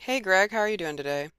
Hey Greg, how are you doing today?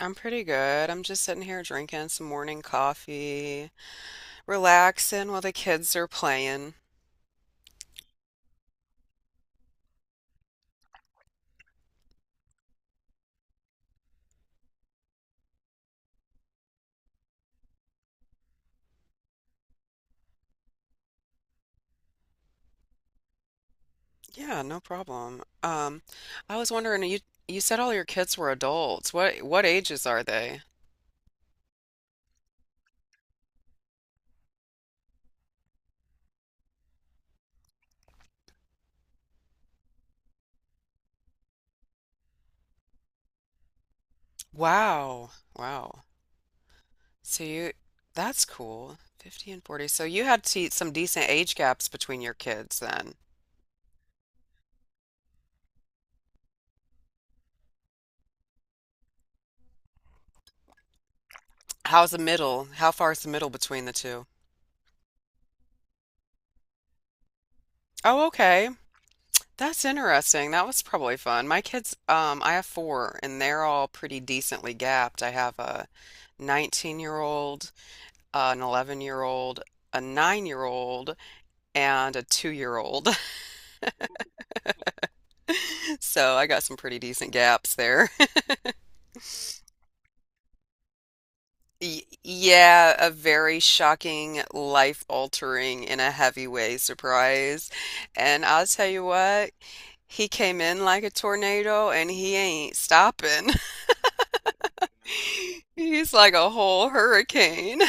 I'm pretty good. I'm just sitting here drinking some morning coffee, relaxing while the kids are playing. Yeah, no problem. I was wondering, you said all your kids were adults. What ages are they? Wow. Wow. So you that's cool. 50 and 40. So you had to some decent age gaps between your kids then. How's the middle? How far is the middle between the two? Oh, okay. That's interesting. That was probably fun. My kids, I have four, and they're all pretty decently gapped. I have a 19-year-old, an 11-year-old, a 9 year old, and a 2 year old. So I got some pretty decent gaps there. Yeah, a very shocking, life altering, in a heavy way surprise. And I'll tell you what, he came in like a tornado and he ain't stopping. He's like a whole hurricane.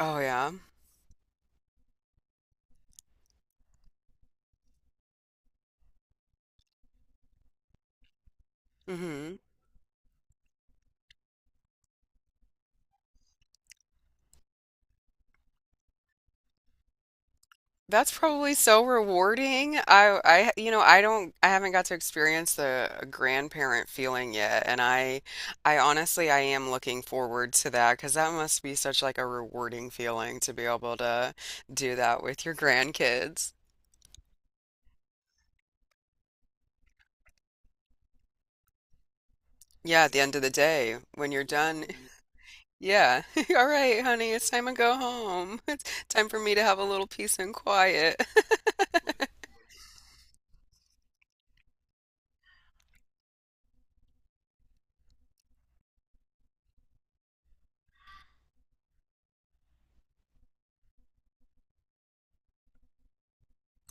Oh yeah. Hmm. That's probably so rewarding. I I don't, I haven't got to experience the grandparent feeling yet, and I honestly, I am looking forward to that, because that must be such like a rewarding feeling to be able to do that with your grandkids. Yeah, at the end of the day when you're done. Yeah. All right, honey, it's time to go home. It's time for me to have a little peace and quiet.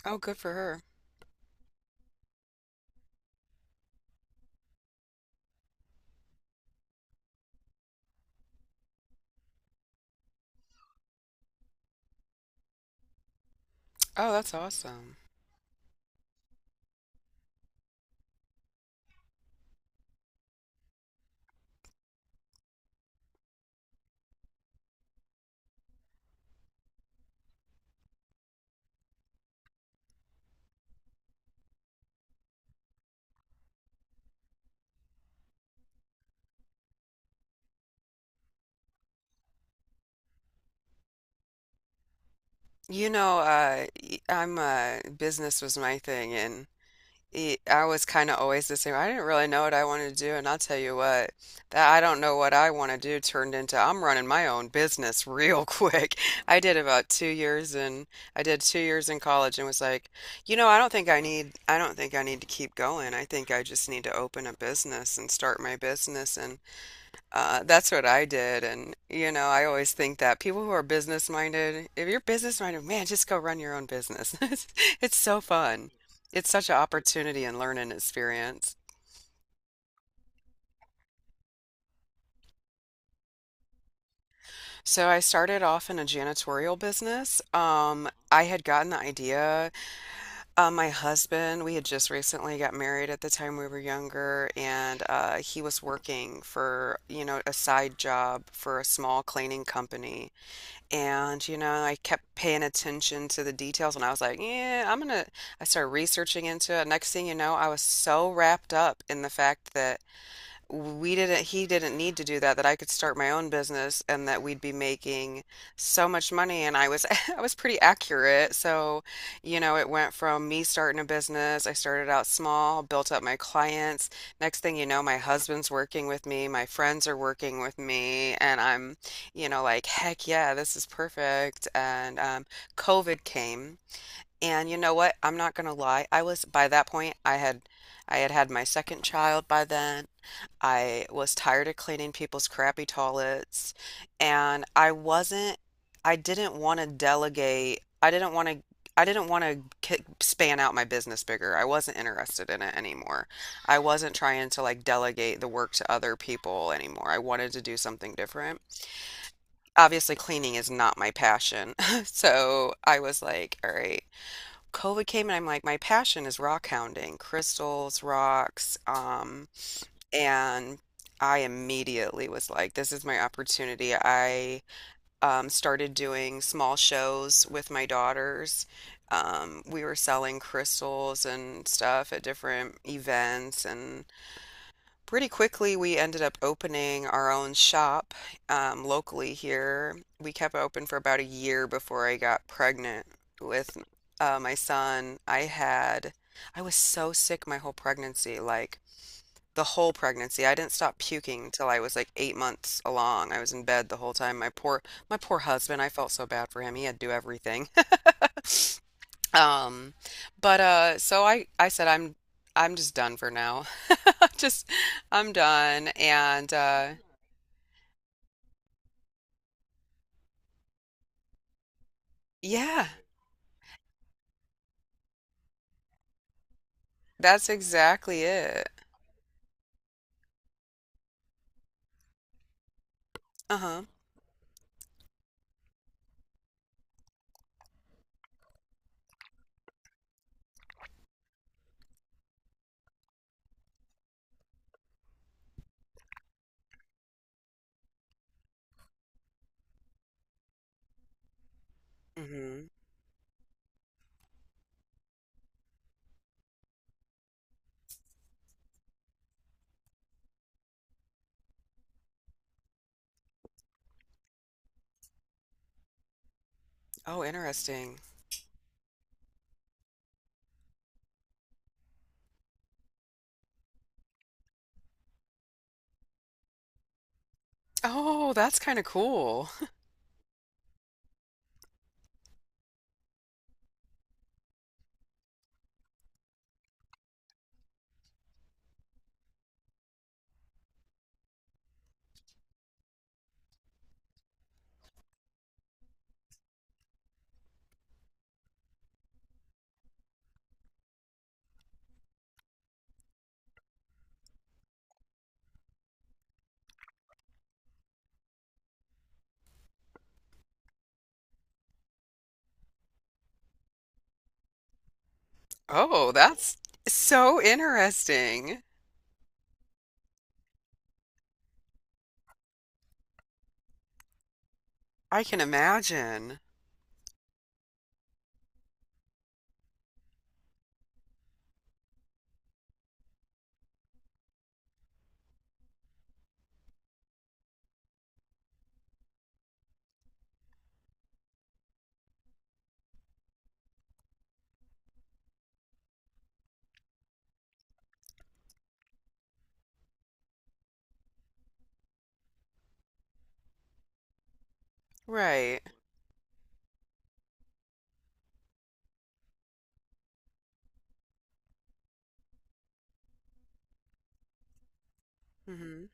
Oh, good for her. Oh, that's awesome. You know, I'm business was my thing, and I was kind of always the same. I didn't really know what I wanted to do, and I'll tell you what, that I don't know what I want to do turned into I'm running my own business real quick. I did about 2 years, and I did 2 years in college, and was like, you know, I don't think I need to keep going. I think I just need to open a business and start my business, and that's what I did. And, you know, I always think that people who are business minded, if you're business minded, man, just go run your own business. It's so fun. It's such an opportunity and learn and experience. So I started off in a janitorial business. I had gotten the idea. My husband, we had just recently got married at the time, we were younger, and he was working for, a side job for a small cleaning company. And, I kept paying attention to the details, and I was like, yeah, I'm gonna. I started researching into it. Next thing you know, I was so wrapped up in the fact that we didn't, he didn't need to do that, that I could start my own business and that we'd be making so much money, and I was, I was pretty accurate. So, it went from me starting a business. I started out small, built up my clients. Next thing you know, my husband's working with me, my friends are working with me, and I'm, like, heck yeah, this is perfect. And COVID came. And you know what, I'm not gonna lie, I was, by that point I had, had my second child by then. I was tired of cleaning people's crappy toilets, and I wasn't, I didn't want to delegate. I didn't want to k span out my business bigger. I wasn't interested in it anymore. I wasn't trying to like delegate the work to other people anymore. I wanted to do something different. Obviously, cleaning is not my passion. So I was like, all right. COVID came, and I'm like, my passion is rock hounding, crystals, rocks, and I immediately was like, this is my opportunity. I started doing small shows with my daughters. We were selling crystals and stuff at different events, and pretty quickly we ended up opening our own shop, locally here. We kept it open for about a year before I got pregnant with my son. I was so sick my whole pregnancy. Like, the whole pregnancy. I didn't stop puking till I was like 8 months along. I was in bed the whole time. My poor husband. I felt so bad for him. He had to do everything. Um, but so, I said, I'm just done for now. Just, I'm done. And yeah, that's exactly it. Uh-huh. Mm hmm. Oh, interesting. Oh, that's kind of cool. Oh, that's so interesting. I can imagine. Right. Mm hmm.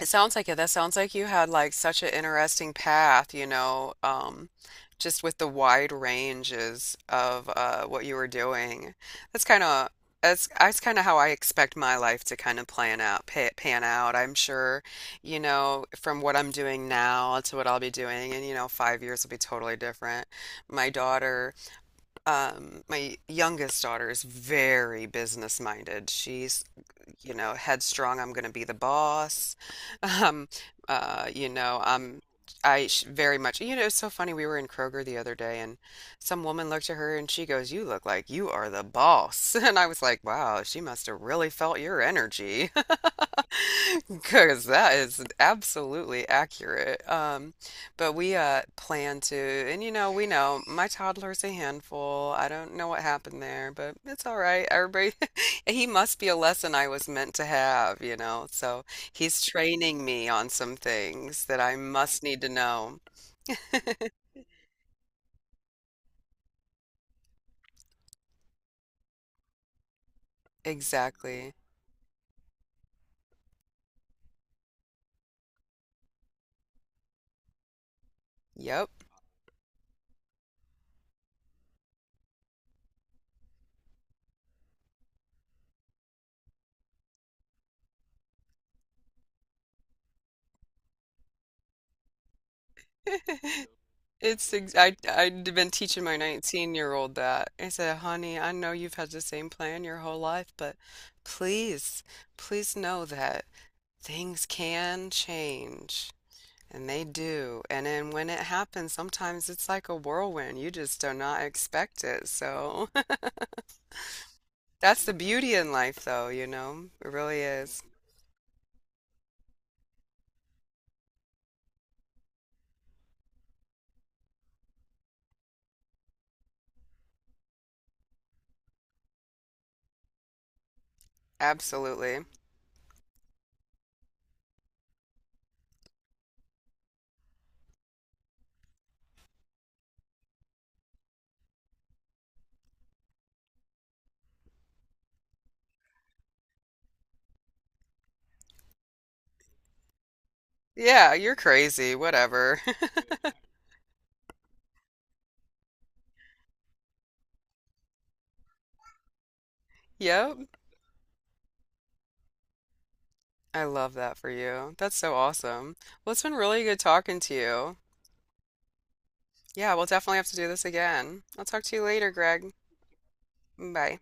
It sounds like it. That sounds like you had like such an interesting path, you know, just with the wide ranges of what you were doing. That's kind of that's kind of how I expect my life to kind of plan out, pa pan out. I'm sure, you know, from what I'm doing now to what I'll be doing in, you know, 5 years will be totally different. My daughter, my youngest daughter is very business minded. She's, headstrong, I'm going to be the boss. Um, uh, you know, I'm very much, it's so funny. We were in Kroger the other day, and some woman looked at her and she goes, "You look like you are the boss." And I was like, "Wow, she must have really felt your energy." Because that is absolutely accurate. But we plan to, and we know my toddler's a handful. I don't know what happened there, but it's all right. Everybody, he must be a lesson I was meant to have. So he's training me on some things that I must need to know. Exactly. Yep. It's ex I I'd been teaching my 19-year-old that. I said, "Honey, I know you've had the same plan your whole life, but please, please know that things can change." And they do. And then when it happens, sometimes it's like a whirlwind. You just do not expect it. So that's the beauty in life, though, you know? It really is. Absolutely. Yeah, you're crazy. Whatever. Yep. I love that for you. That's so awesome. Well, it's been really good talking to you. Yeah, we'll definitely have to do this again. I'll talk to you later, Greg. Bye.